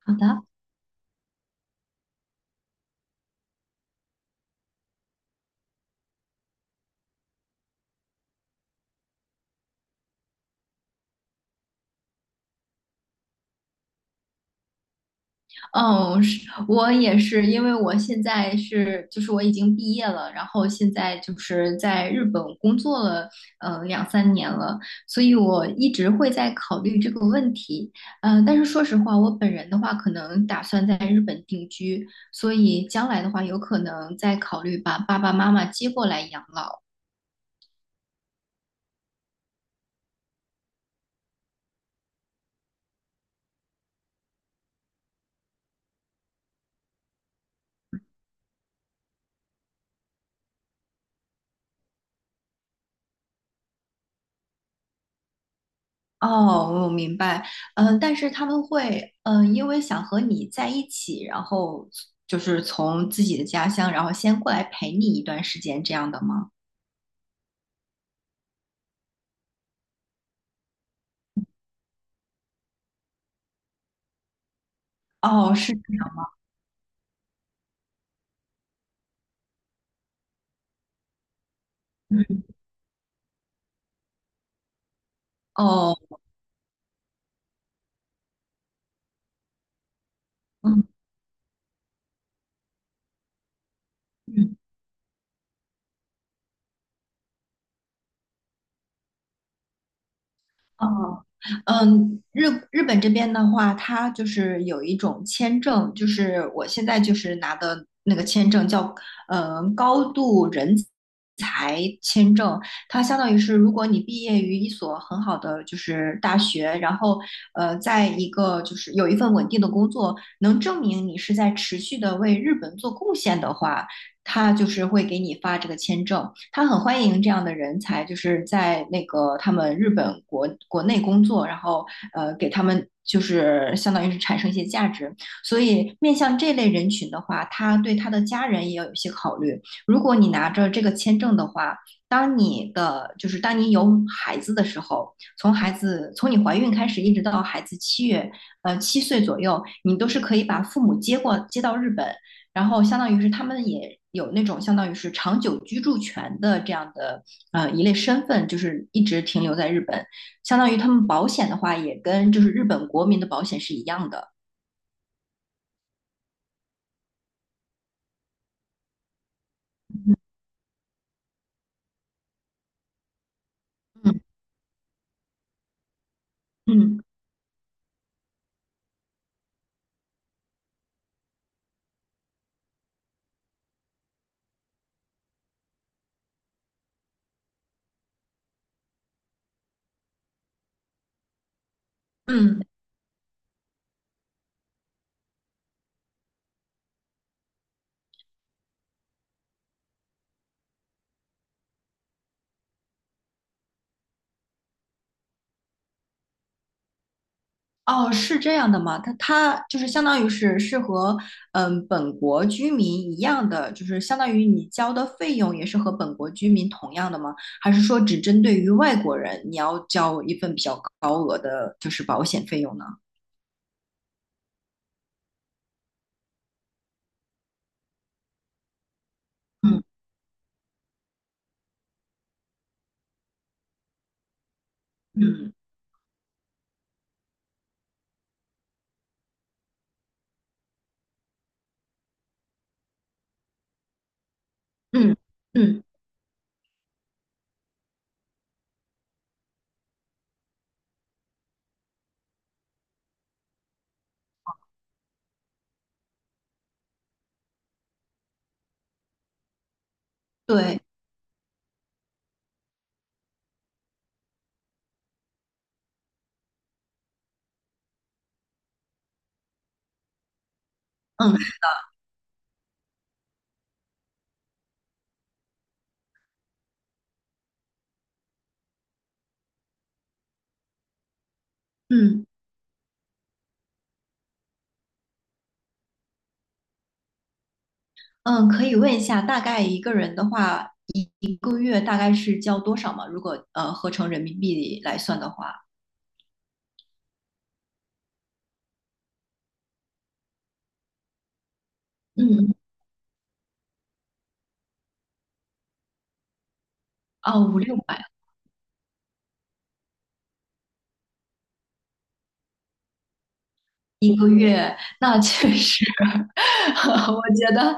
好的。嗯，是我也是，因为我现在是，就是我已经毕业了，然后现在就是在日本工作了，2、3年了。所以我一直会在考虑这个问题。但是说实话，我本人的话，可能打算在日本定居，所以将来的话，有可能再考虑把爸爸妈妈接过来养老。哦，我明白。嗯，但是他们会，因为想和你在一起，然后就是从自己的家乡，然后先过来陪你一段时间，这样的吗？哦，是。哦。嗯嗯。哦。日本这边的话，它就是有一种签证，就是我现在就是拿的那个签证叫高度人才签证。它相当于是，如果你毕业于一所很好的就是大学，然后在一个就是有一份稳定的工作，能证明你是在持续的为日本做贡献的话，他就是会给你发这个签证。他很欢迎这样的人才，就是在那个他们日本国国内工作，然后给他们就是相当于是产生一些价值。所以面向这类人群的话，他对他的家人也要有一些考虑。如果你拿着这个签证的话，当你的就是当你有孩子的时候，从孩子从你怀孕开始一直到孩子7岁左右，你都是可以把父母接到日本。然后相当于是他们也有那种相当于是长久居住权的这样的一类身份，就是一直停留在日本，相当于他们保险的话也跟就是日本国民的保险是一样的。嗯嗯嗯。哦，是这样的吗？他就是相当于是和本国居民一样的，就是相当于你交的费用也是和本国居民同样的吗？还是说只针对于外国人，你要交一份比较高额的就是保险费用呢？嗯嗯。嗯嗯，对。嗯嗯嗯。可以问一下，大概一个人的话，一个月大概是交多少吗？如果合成人民币来算的话？嗯。哦，5、6百一个月。那确实，我觉得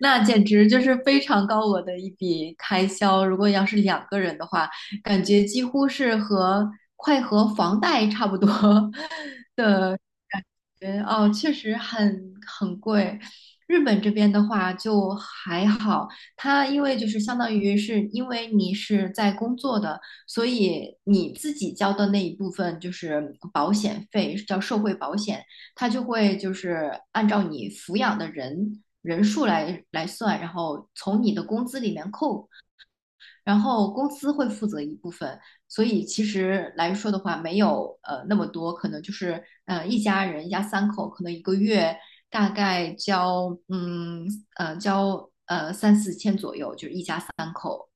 那简直就是非常高额的一笔开销。如果要是两个人的话，感觉几乎是快和房贷差不多 的。觉得哦，确实很贵。日本这边的话就还好，它因为就是相当于是因为你是在工作的，所以你自己交的那一部分就是保险费，叫社会保险。它就会就是按照你抚养的人数来算，然后从你的工资里面扣。然后公司会负责一部分，所以其实来说的话，没有那么多。可能就是一家三口，可能一个月大概交3、4千左右，就是一家三口。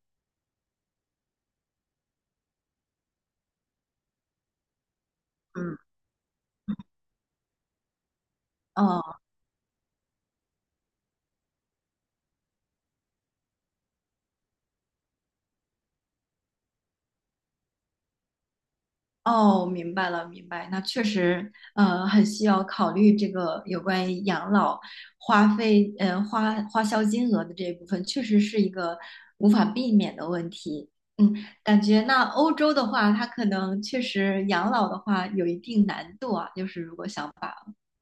嗯。嗯。哦，明白了，明白。那确实，很需要考虑这个有关于养老花费，花销金额的这一部分，确实是一个无法避免的问题。嗯，感觉那欧洲的话，它可能确实养老的话有一定难度啊，就是如果想把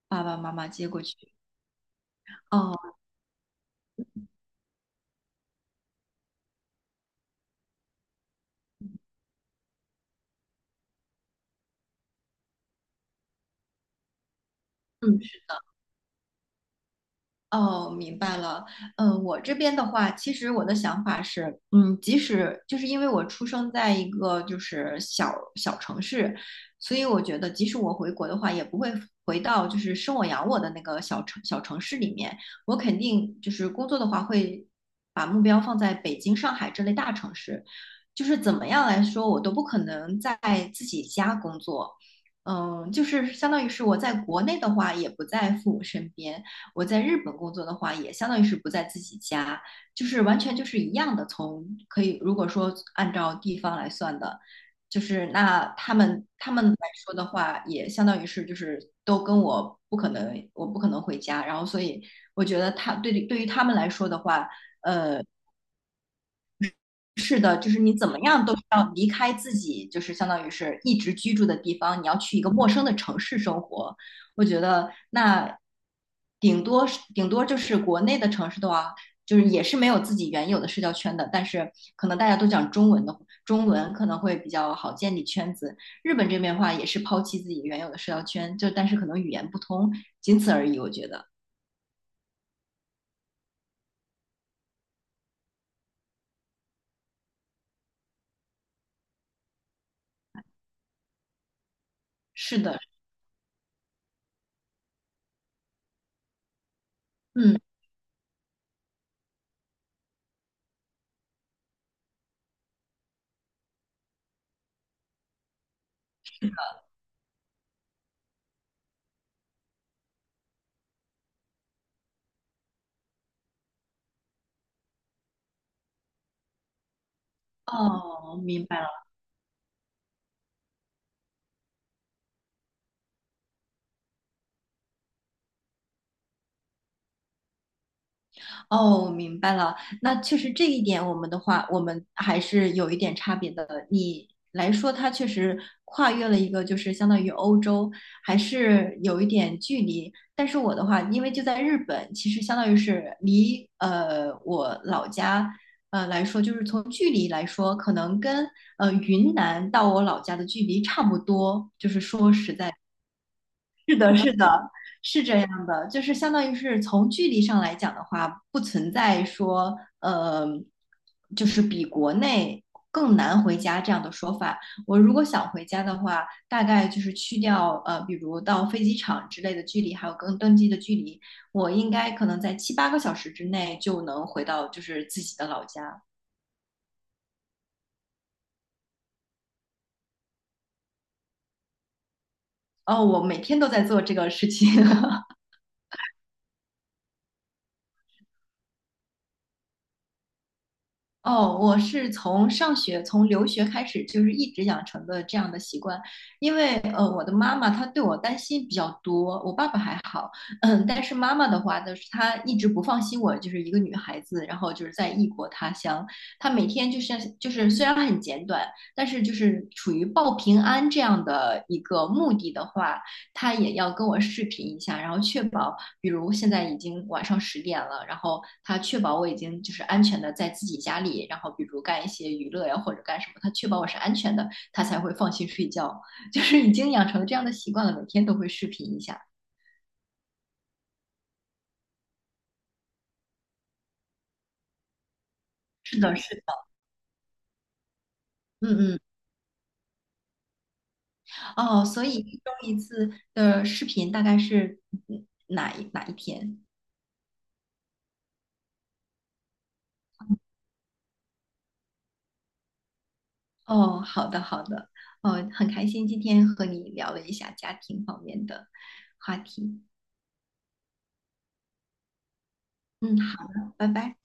爸爸妈妈接过去。哦。嗯。哦，明白了。我这边的话，其实我的想法是，即使就是因为我出生在一个就是小小城市，所以我觉得即使我回国的话，也不会回到就是生我养我的那个小城市里面。我肯定就是工作的话，会把目标放在北京、上海这类大城市。就是怎么样来说，我都不可能在自己家工作。就是相当于是我在国内的话，也不在父母身边。我在日本工作的话，也相当于是不在自己家，就是完全就是一样的。从可以如果说按照地方来算的，就是那他们来说的话，也相当于是就是都跟我不可能，我不可能回家。然后所以我觉得对于他们来说的话。呃，是的，就是你怎么样都是要离开自己，就是相当于是一直居住的地方，你要去一个陌生的城市生活。我觉得那顶多就是国内的城市的话，就是也是没有自己原有的社交圈的，但是可能大家都讲中文的，中文可能会比较好建立圈子。日本这边的话，也是抛弃自己原有的社交圈，但是可能语言不通，仅此而已。我觉得是的。嗯。哦，明白了。哦，明白了。那确实这一点，我们的话，我们还是有一点差别的。你来说，它确实跨越了一个，就是相当于欧洲，还是有一点距离。但是我的话，因为就在日本，其实相当于是离我老家来说，就是从距离来说，可能跟云南到我老家的距离差不多。就是说实在。是的，是的，是这样的，就是相当于是从距离上来讲的话，不存在说就是比国内更难回家这样的说法。我如果想回家的话，大概就是去掉比如到飞机场之类的距离，还有跟登机的距离，我应该可能在7、8个小时之内就能回到就是自己的老家。哦，我每天都在做这个事情。哦，我是从从留学开始，就是一直养成的这样的习惯。因为我的妈妈她对我担心比较多，我爸爸还好。但是妈妈的话就是她一直不放心我，就是一个女孩子，然后就是在异国他乡，她每天就是虽然很简短，但是就是处于报平安这样的一个目的的话，她也要跟我视频一下，然后确保。比如现在已经晚上10点了，然后他确保我已经就是安全的在自己家里，然后比如干一些娱乐呀或者干什么，他确保我是安全的，他才会放心睡觉。就是已经养成这样的习惯了，每天都会视频一下。是的，是的。嗯嗯。哦，所以一周一次的视频大概是哪一天？哦，好的好的。哦，很开心今天和你聊了一下家庭方面的话题。嗯，好的，拜拜。